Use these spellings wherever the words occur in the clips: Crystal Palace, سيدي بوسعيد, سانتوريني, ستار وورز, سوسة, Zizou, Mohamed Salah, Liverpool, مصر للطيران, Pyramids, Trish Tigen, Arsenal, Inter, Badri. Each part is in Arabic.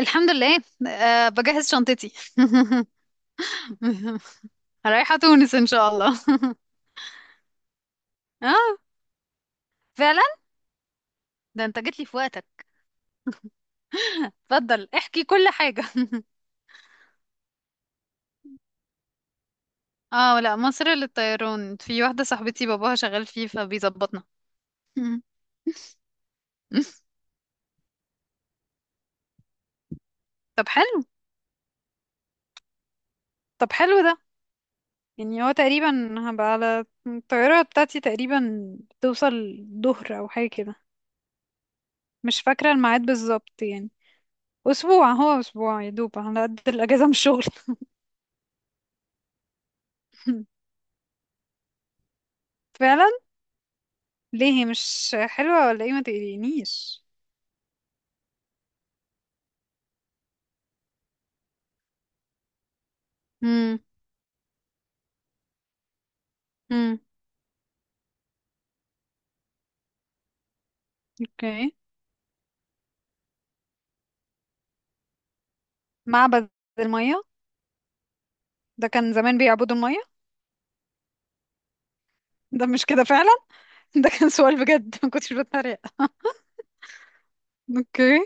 الحمد لله. أه، بجهز شنطتي. رايحة تونس إن شاء الله. اه، فعلا. ده انت جيت لي في وقتك. اتفضل احكي كل حاجة. اه، لا، مصر للطيران، في واحدة صاحبتي باباها شغال فيه فبيظبطنا. طب حلو. طب حلو ده. يعني هو تقريبا هبقى على الطيارة بتاعتي، تقريبا توصل ظهر أو حاجة كده. مش فاكرة الميعاد بالظبط يعني. أسبوع، هو أسبوع يا دوب على قد الأجازة من الشغل. فعلا. ليه، هي مش حلوة ولا ايه؟ ما تقلقنيش. امم. امم. اوكي. معبد المية؟ ده كان زمان بيعبدوا المية؟ ده مش كده فعلا؟ ده كان سؤال بجد، ما كنتش بتريق. اوكي.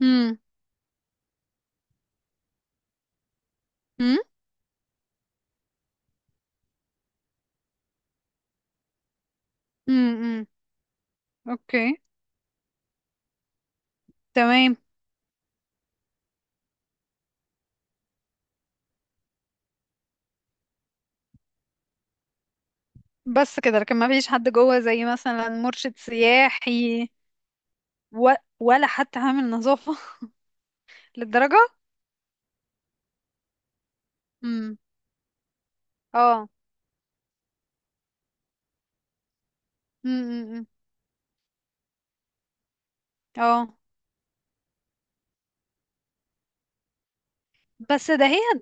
امم. امم. امم. اوكي. تمام. بس كده؟ لكن ما فيش حد جوه زي مثلا مرشد سياحي؟ و... ولا حتى عامل نظافة. للدرجة؟ امم. اه. امم. اه. بس ده هي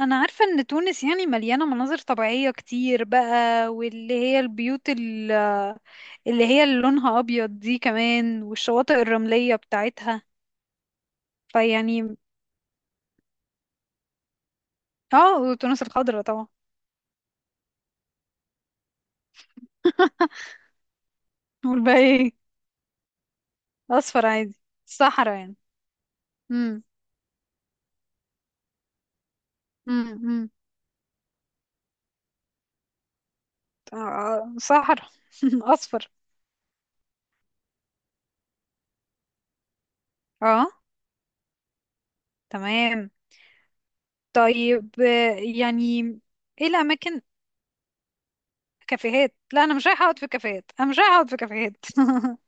انا عارفة ان تونس يعني مليانة مناظر طبيعية كتير بقى، واللي هي البيوت اللي هي اللي لونها ابيض دي كمان، والشواطئ الرملية بتاعتها. فيعني، اه، وتونس الخضراء طبعا. والباقي ايه؟ اصفر عادي. صحراء يعني. امم. امم. صحراء. اصفر. اه تمام. طيب يعني، ايه الاماكن؟ كافيهات؟ لا، انا مش رايحه اقعد في كافيهات، انا مش رايحه اقعد في كافيهات.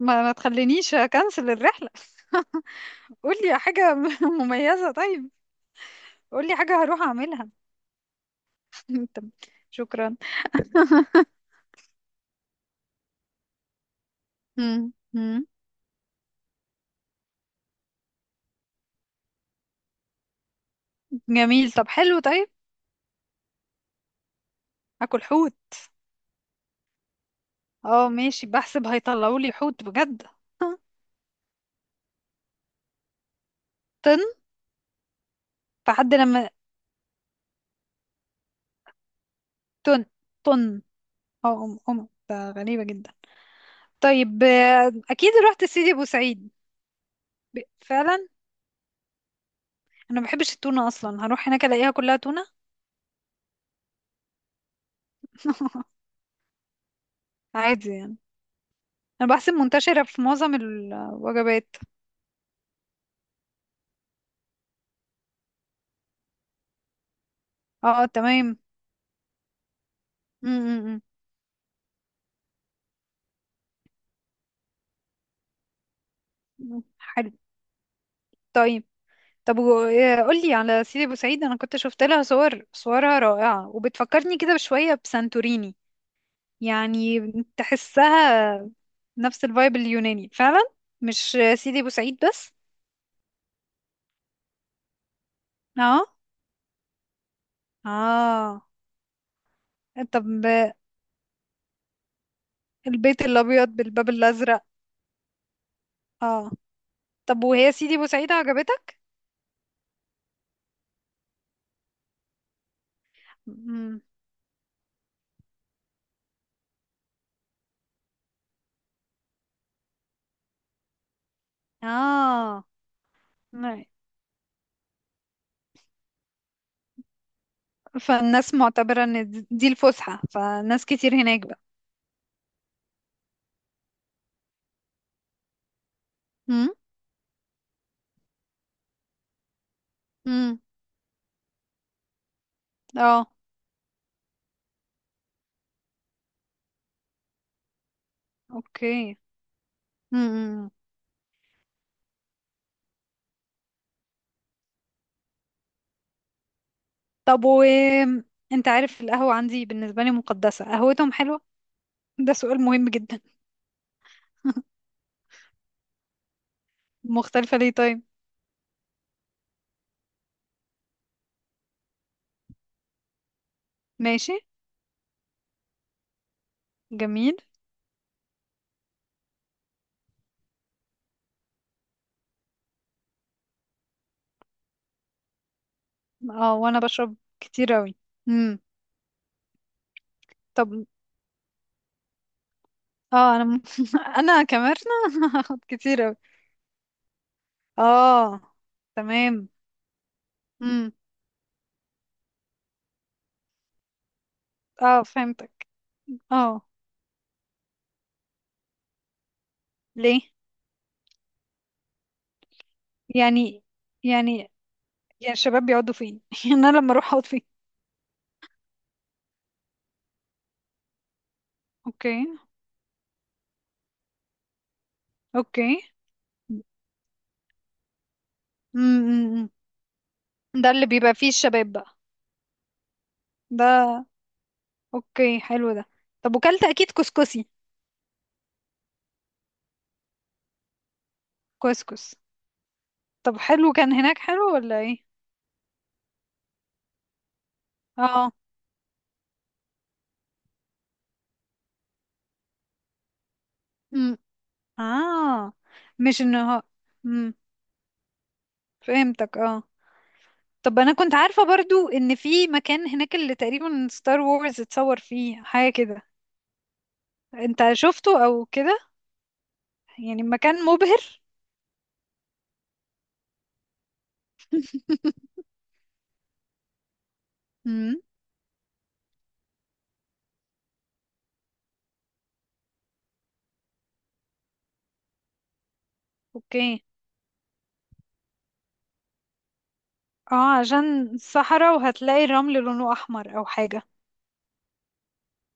ما تخلينيش اكنسل الرحلة. قولي حاجة مميزة، طيب. قولي حاجة هروح اعملها. طب شكرا. مم. مم. جميل، طب حلو طيب. اكل حوت؟ اه ماشي، بحسب هيطلعوا لي حوت بجد. طن. فحد لما طن. طن. اه ام ام ده غريبة جدا. طيب اكيد رحت سيدي ابو سعيد. فعلا. انا ما بحبش التونة اصلا، هروح هناك الاقيها كلها تونة. عادي يعني. انا بحسب منتشرة في معظم الوجبات. اه تمام. امم. حلو طيب. طب قولي على سيدي بوسعيد، انا كنت شفت لها صور، صورها رائعة وبتفكرني كده بشوية بسانتوريني. يعني تحسها نفس الفايب اليوناني فعلا، مش سيدي بوسعيد بس. اه، اه. طب البيت الابيض بالباب الازرق. اه. طب وهي سيدي بوسعيد عجبتك؟ مم. اه. فالناس معتبرة ان دي الفسحة، فناس كتير هناك بقى. امم. اه. اوكي. امم. طب انت عارف القهوة عندي بالنسبة لي مقدسة؟ قهوتهم حلوة؟ ده سؤال مهم جدا. مختلفة ليه طيب؟ ماشي. جميل. اه، وانا بشرب كتير اوي. امم. طب اه انا كمرنا. هاخد كتير اوي. اه تمام. امم. اه فهمتك. اه. ليه؟ يعني يعني يعني الشباب بيقعدوا فين؟ يعني انا لما اروح اقعد فين؟ اوكي. اوكي. ده اللي بيبقى فيه الشباب بقى. ده اوكي حلو ده. طب وكلت اكيد كسكسي؟ كسكس. طب حلو، كان هناك حلو ولا ايه؟ اه. امم. اه. مش انه. امم. فهمتك اه. طب انا كنت عارفة برضو ان في مكان هناك اللي تقريبا ستار وورز اتصور فيه حاجة كده. انت شفته او كده؟ يعني مكان مبهر؟ امم. اوكي. اه، عشان صحراء وهتلاقي الرمل لونه احمر او حاجة.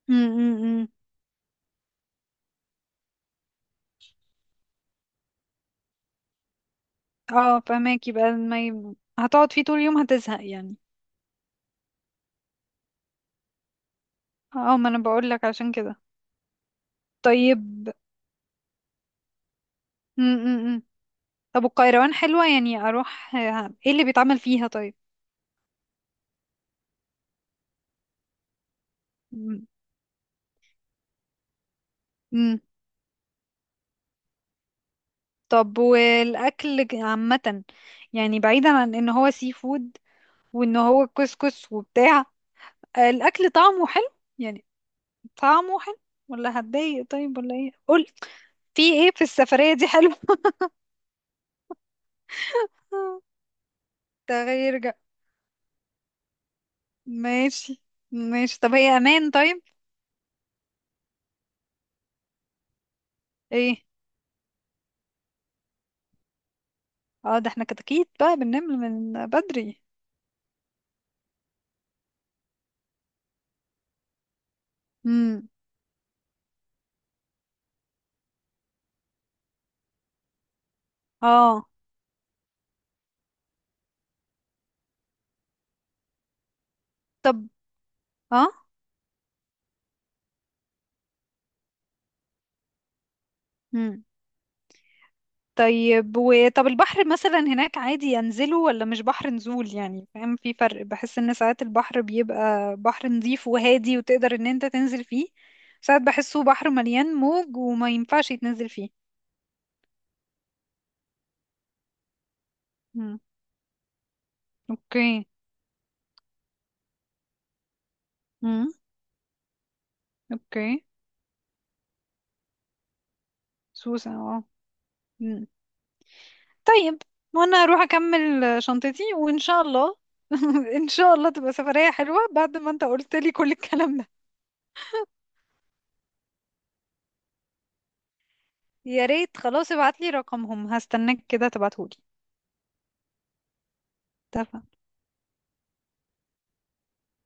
امم. اه، فماكي بقى ما ي... هتقعد فيه طول اليوم هتزهق يعني. اه، ما انا بقول لك عشان كده. طيب. م -م -م. طب والقيروان حلوة؟ يعني اروح ايه اللي بيتعمل فيها طيب؟ م -م. طب والاكل عامة، يعني بعيدا عن ان هو سي فود، وان هو كسكس وبتاع. الاكل طعمه حلو، يعني طعمه حلو ولا هتضايق طيب، ولا ايه، قول. في ايه في السفرية دي حلو؟ تغير جو. ماشي. ماشي. طب هي امان طيب؟ ايه؟ اه ده احنا كده اكيد بقى بننام من بدري. امم. اه. طب اه. امم. طيب طب البحر مثلا هناك عادي ينزله، ولا مش بحر نزول يعني، فاهم؟ في فرق، بحس ان ساعات البحر بيبقى بحر نظيف وهادي وتقدر ان انت تنزل فيه، ساعات بحسه بحر مليان موج وما ينفعش يتنزل فيه. امم. اوكي. امم. اوكي. سوسة اه. طيب. وانا اروح اكمل شنطتي وان شاء الله. ان شاء الله تبقى سفرية حلوة بعد ما انت قلت لي كل الكلام ده. يا ريت، خلاص ابعت لي رقمهم، هستناك كده تبعتهولي. اتفقنا.